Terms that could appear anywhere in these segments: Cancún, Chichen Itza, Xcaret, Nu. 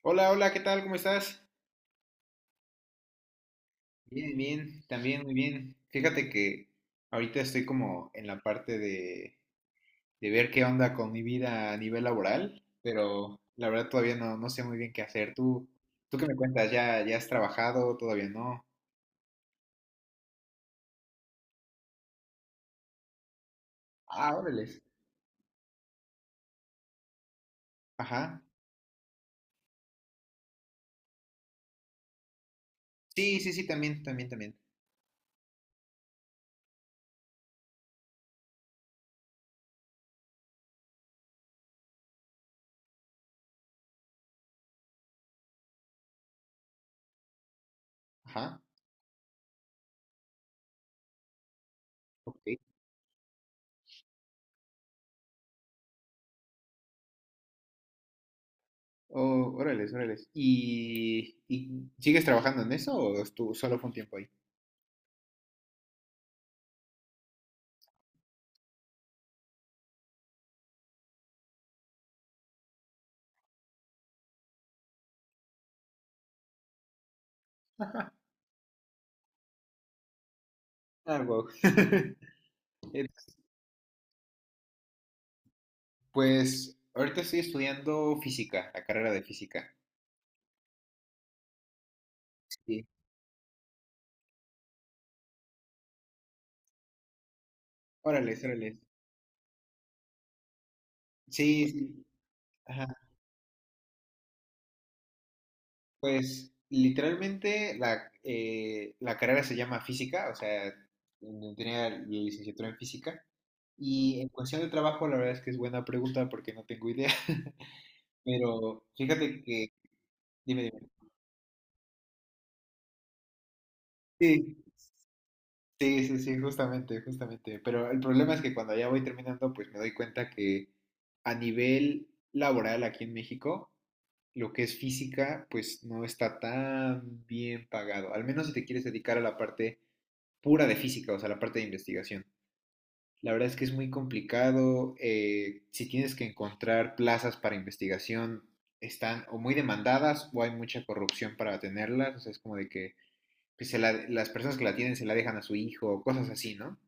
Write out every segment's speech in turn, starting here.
Hola, hola, ¿qué tal? ¿Cómo estás? Bien, bien, también muy bien. Fíjate que ahorita estoy como en la parte de ver qué onda con mi vida a nivel laboral, pero la verdad todavía no, no sé muy bien qué hacer. ¿Tú qué me cuentas? ¿Ya, ya has trabajado? ¿Todavía no? Ah, órales. Ajá. Sí, sí, sí, también, también, también. Ajá. Ok. Oh, órales, órales. Y sigues trabajando en eso o tú solo fue un tiempo ahí? Ah, wow. Pues ahorita estoy estudiando física, la carrera de física. Sí. Órale, órale. Sí, sí. Ajá. Pues literalmente la carrera se llama física, o sea, yo tenía la licenciatura en física. Y en cuestión de trabajo, la verdad es que es buena pregunta porque no tengo idea. Pero fíjate que, dime, dime. Sí, sí, sí, justamente, justamente. Pero el problema es que cuando ya voy terminando, pues me doy cuenta que a nivel laboral aquí en México, lo que es física, pues no está tan bien pagado. Al menos si te quieres dedicar a la parte pura de física, o sea, la parte de investigación. La verdad es que es muy complicado. Si tienes que encontrar plazas para investigación, están o muy demandadas o hay mucha corrupción para tenerlas. O sea, es como de que pues, las personas que la tienen se la dejan a su hijo o cosas así, ¿no?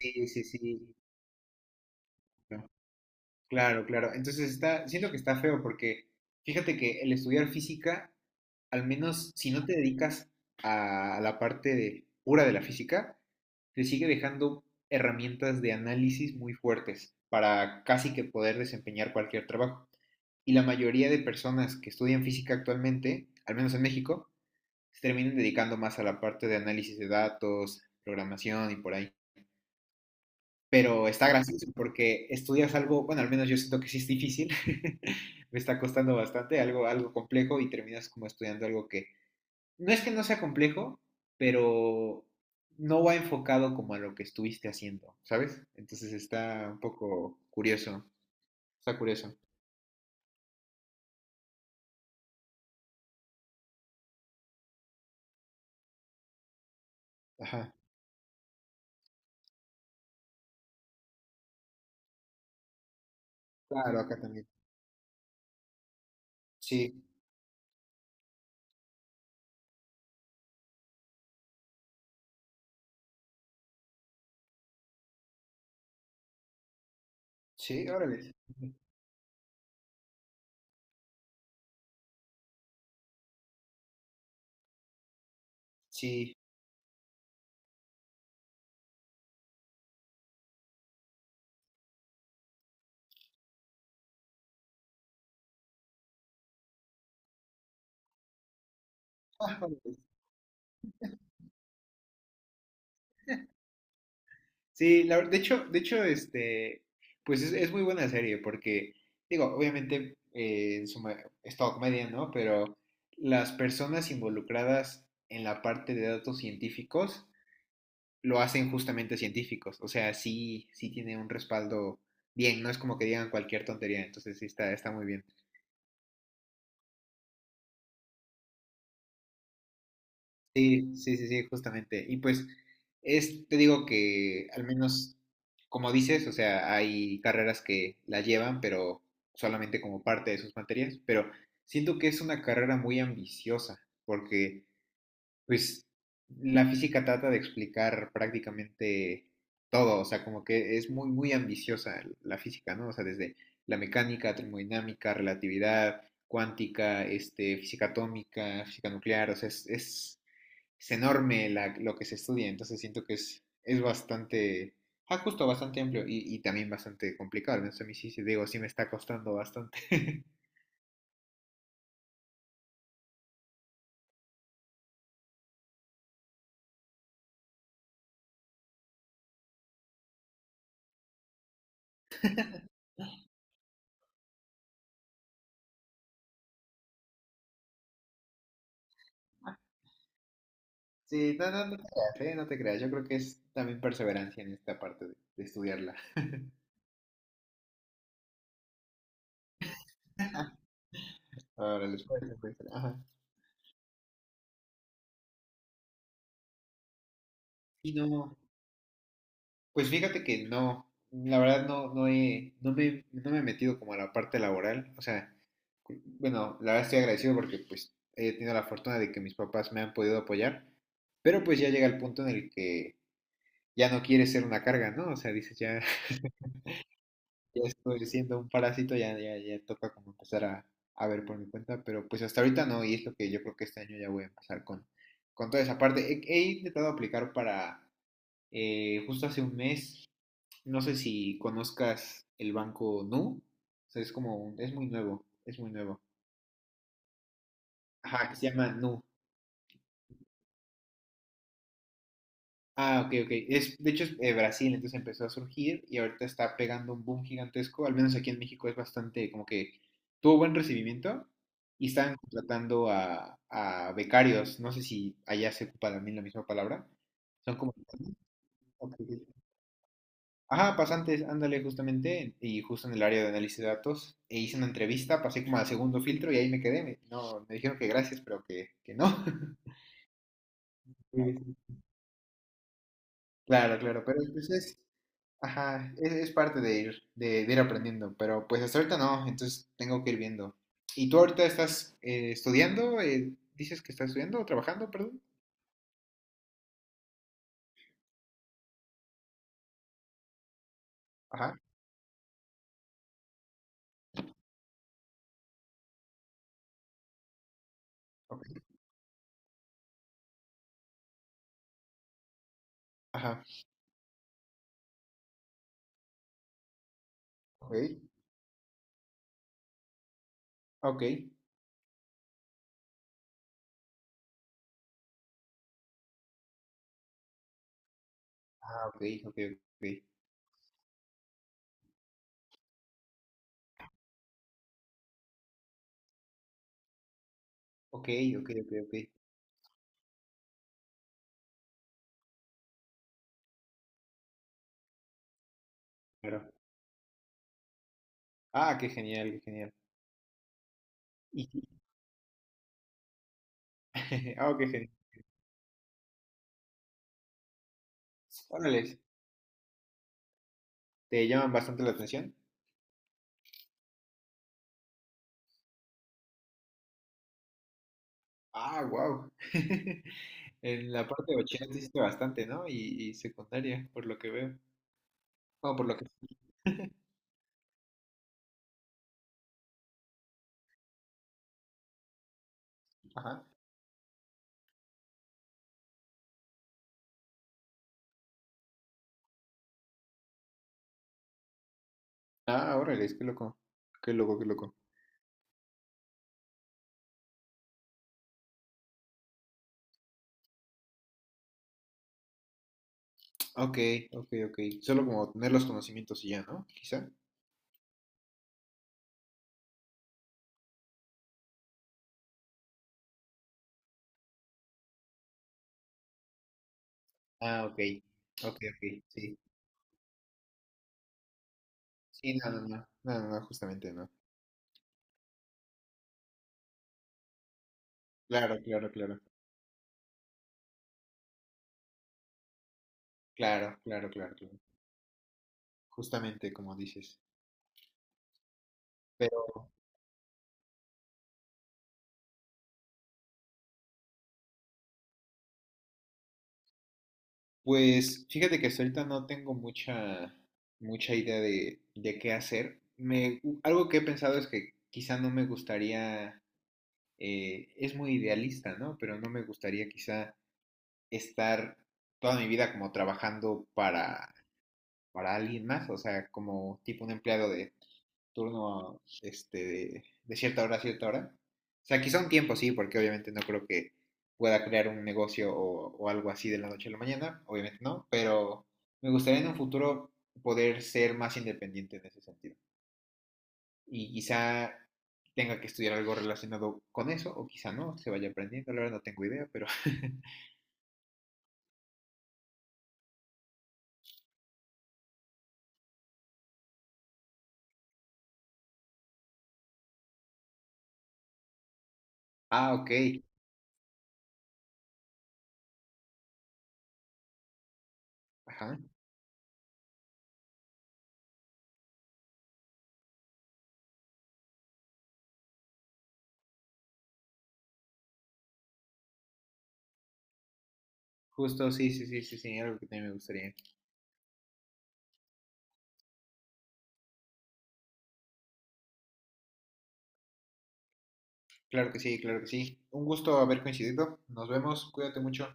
Sí, sí, sí. No, claro, claro. Entonces está, siento que está feo porque fíjate que el estudiar física, al menos si no te dedicas a pura de la física, te sigue dejando herramientas de análisis muy fuertes para casi que poder desempeñar cualquier trabajo. Y la mayoría de personas que estudian física actualmente, al menos en México, se terminan dedicando más a la parte de análisis de datos, programación y por ahí. Pero está gracioso porque estudias algo, bueno, al menos yo siento que sí es difícil, me está costando bastante, algo, algo complejo y terminas como estudiando algo que no es que no sea complejo, pero no va enfocado como a lo que estuviste haciendo, ¿sabes? Entonces está un poco curioso, está curioso. Ajá, claro, acá también. Sí, sí, órale. Sí. Ah, órale. Sí, de hecho, este, pues es muy buena serie porque, digo, obviamente en es todo comedia, ¿no? Pero las personas involucradas en la parte de datos científicos lo hacen justamente científicos, o sea, sí, sí tiene un respaldo bien, no es como que digan cualquier tontería, entonces sí está, está muy bien. Sí, sí, sí, sí, justamente. Y pues es, te digo que al menos, como dices, o sea, hay carreras que la llevan, pero solamente como parte de sus materias, pero siento que es una carrera muy ambiciosa, porque pues la física trata de explicar prácticamente todo, o sea, como que es muy, muy ambiciosa la física, ¿no? O sea, desde la mecánica, termodinámica, relatividad, cuántica, este, física atómica, física nuclear, o sea, es enorme la, lo que se estudia, entonces siento que es bastante, ah, justo bastante amplio y también bastante complicado, ¿no? Entonces a mí sí, sí, digo, sí me está costando bastante. Sí, no, no, no te creas, ¿eh? No te creas, yo creo que es también perseverancia en esta parte de estudiarla. Ahora, después, después, ajá. Y no, pues fíjate que no, la verdad no, no he, no me, no me he metido como a la parte laboral, o sea... Bueno, la verdad estoy agradecido porque pues he tenido la fortuna de que mis papás me han podido apoyar, pero pues ya llega el punto en el que ya no quieres ser una carga, ¿no? O sea, dices, ya, ya estoy siendo un parásito, ya, ya, ya toca como empezar a ver por mi cuenta, pero pues hasta ahorita no, y es lo que yo creo que este año ya voy a empezar con toda esa parte. He intentado aplicar para, justo hace un mes, no sé si conozcas el banco Nu, o sea, es como, un- es muy nuevo, es muy nuevo. Ajá, que se llama Nu. Ah, ok, ok. Es, de hecho, es Brasil, entonces empezó a surgir y ahorita está pegando un boom gigantesco. Al menos aquí en México es bastante, como que tuvo buen recibimiento y están contratando a becarios. No sé si allá se ocupa también la misma palabra. Son como... Ok, ok. Ajá, pasantes, ándale, justamente. Y justo en el área de análisis de datos, e hice una entrevista, pasé como al segundo filtro y ahí me quedé. Me- no, me dijeron que gracias, pero que no. Sí, sí. Claro, claro, pero entonces ajá, es parte de ir aprendiendo, pero pues hasta ahorita no, entonces tengo que ir viendo. ¿Y tú ahorita estás estudiando? ¿Dices que estás estudiando o trabajando, perdón? Ajá, ok, ajá, ok, ok, ah, ok, ok, ok, ok, ok, ok, ok, claro. Ah, qué genial, qué genial. Y- ah, qué genial. Órales, ¿te llaman bastante la atención? Ah, wow. En la parte de bachillerato hiciste bastante, ¿no? Y secundaria, por lo que veo. No, por lo que... Ajá. Ah, órale, es que loco. Qué loco, qué loco. Ok, ok, ok. Solo como tener los conocimientos y ya, ¿no? Quizá. Ah, ok. Ok, ok, sí. Sí, no, no, no. No, no, no, justamente no. Claro, claro, claro. Claro, claro, claro, claro. Justamente como dices. Pero, pues, fíjate que hasta ahorita no tengo mucha, mucha idea de qué hacer. Me, u- algo que he pensado es que quizá no me gustaría, es muy idealista, ¿no? Pero no me gustaría quizá estar toda mi vida como trabajando para alguien más, o sea, como tipo un empleado de turno este, de cierta hora a cierta hora. O sea, quizá un tiempo sí, porque obviamente no creo que pueda crear un negocio o algo así de la noche a la mañana, obviamente no, pero me gustaría en un futuro poder ser más independiente en ese sentido. Y quizá tenga que estudiar algo relacionado con eso, o quizá no, se vaya aprendiendo, la verdad no tengo idea, pero... ah, ok, ajá. Justo, sí, sí, sí, sí, sí, algo que también me gustaría. Claro que sí, claro que sí. Un gusto haber coincidido. Nos vemos, cuídate mucho.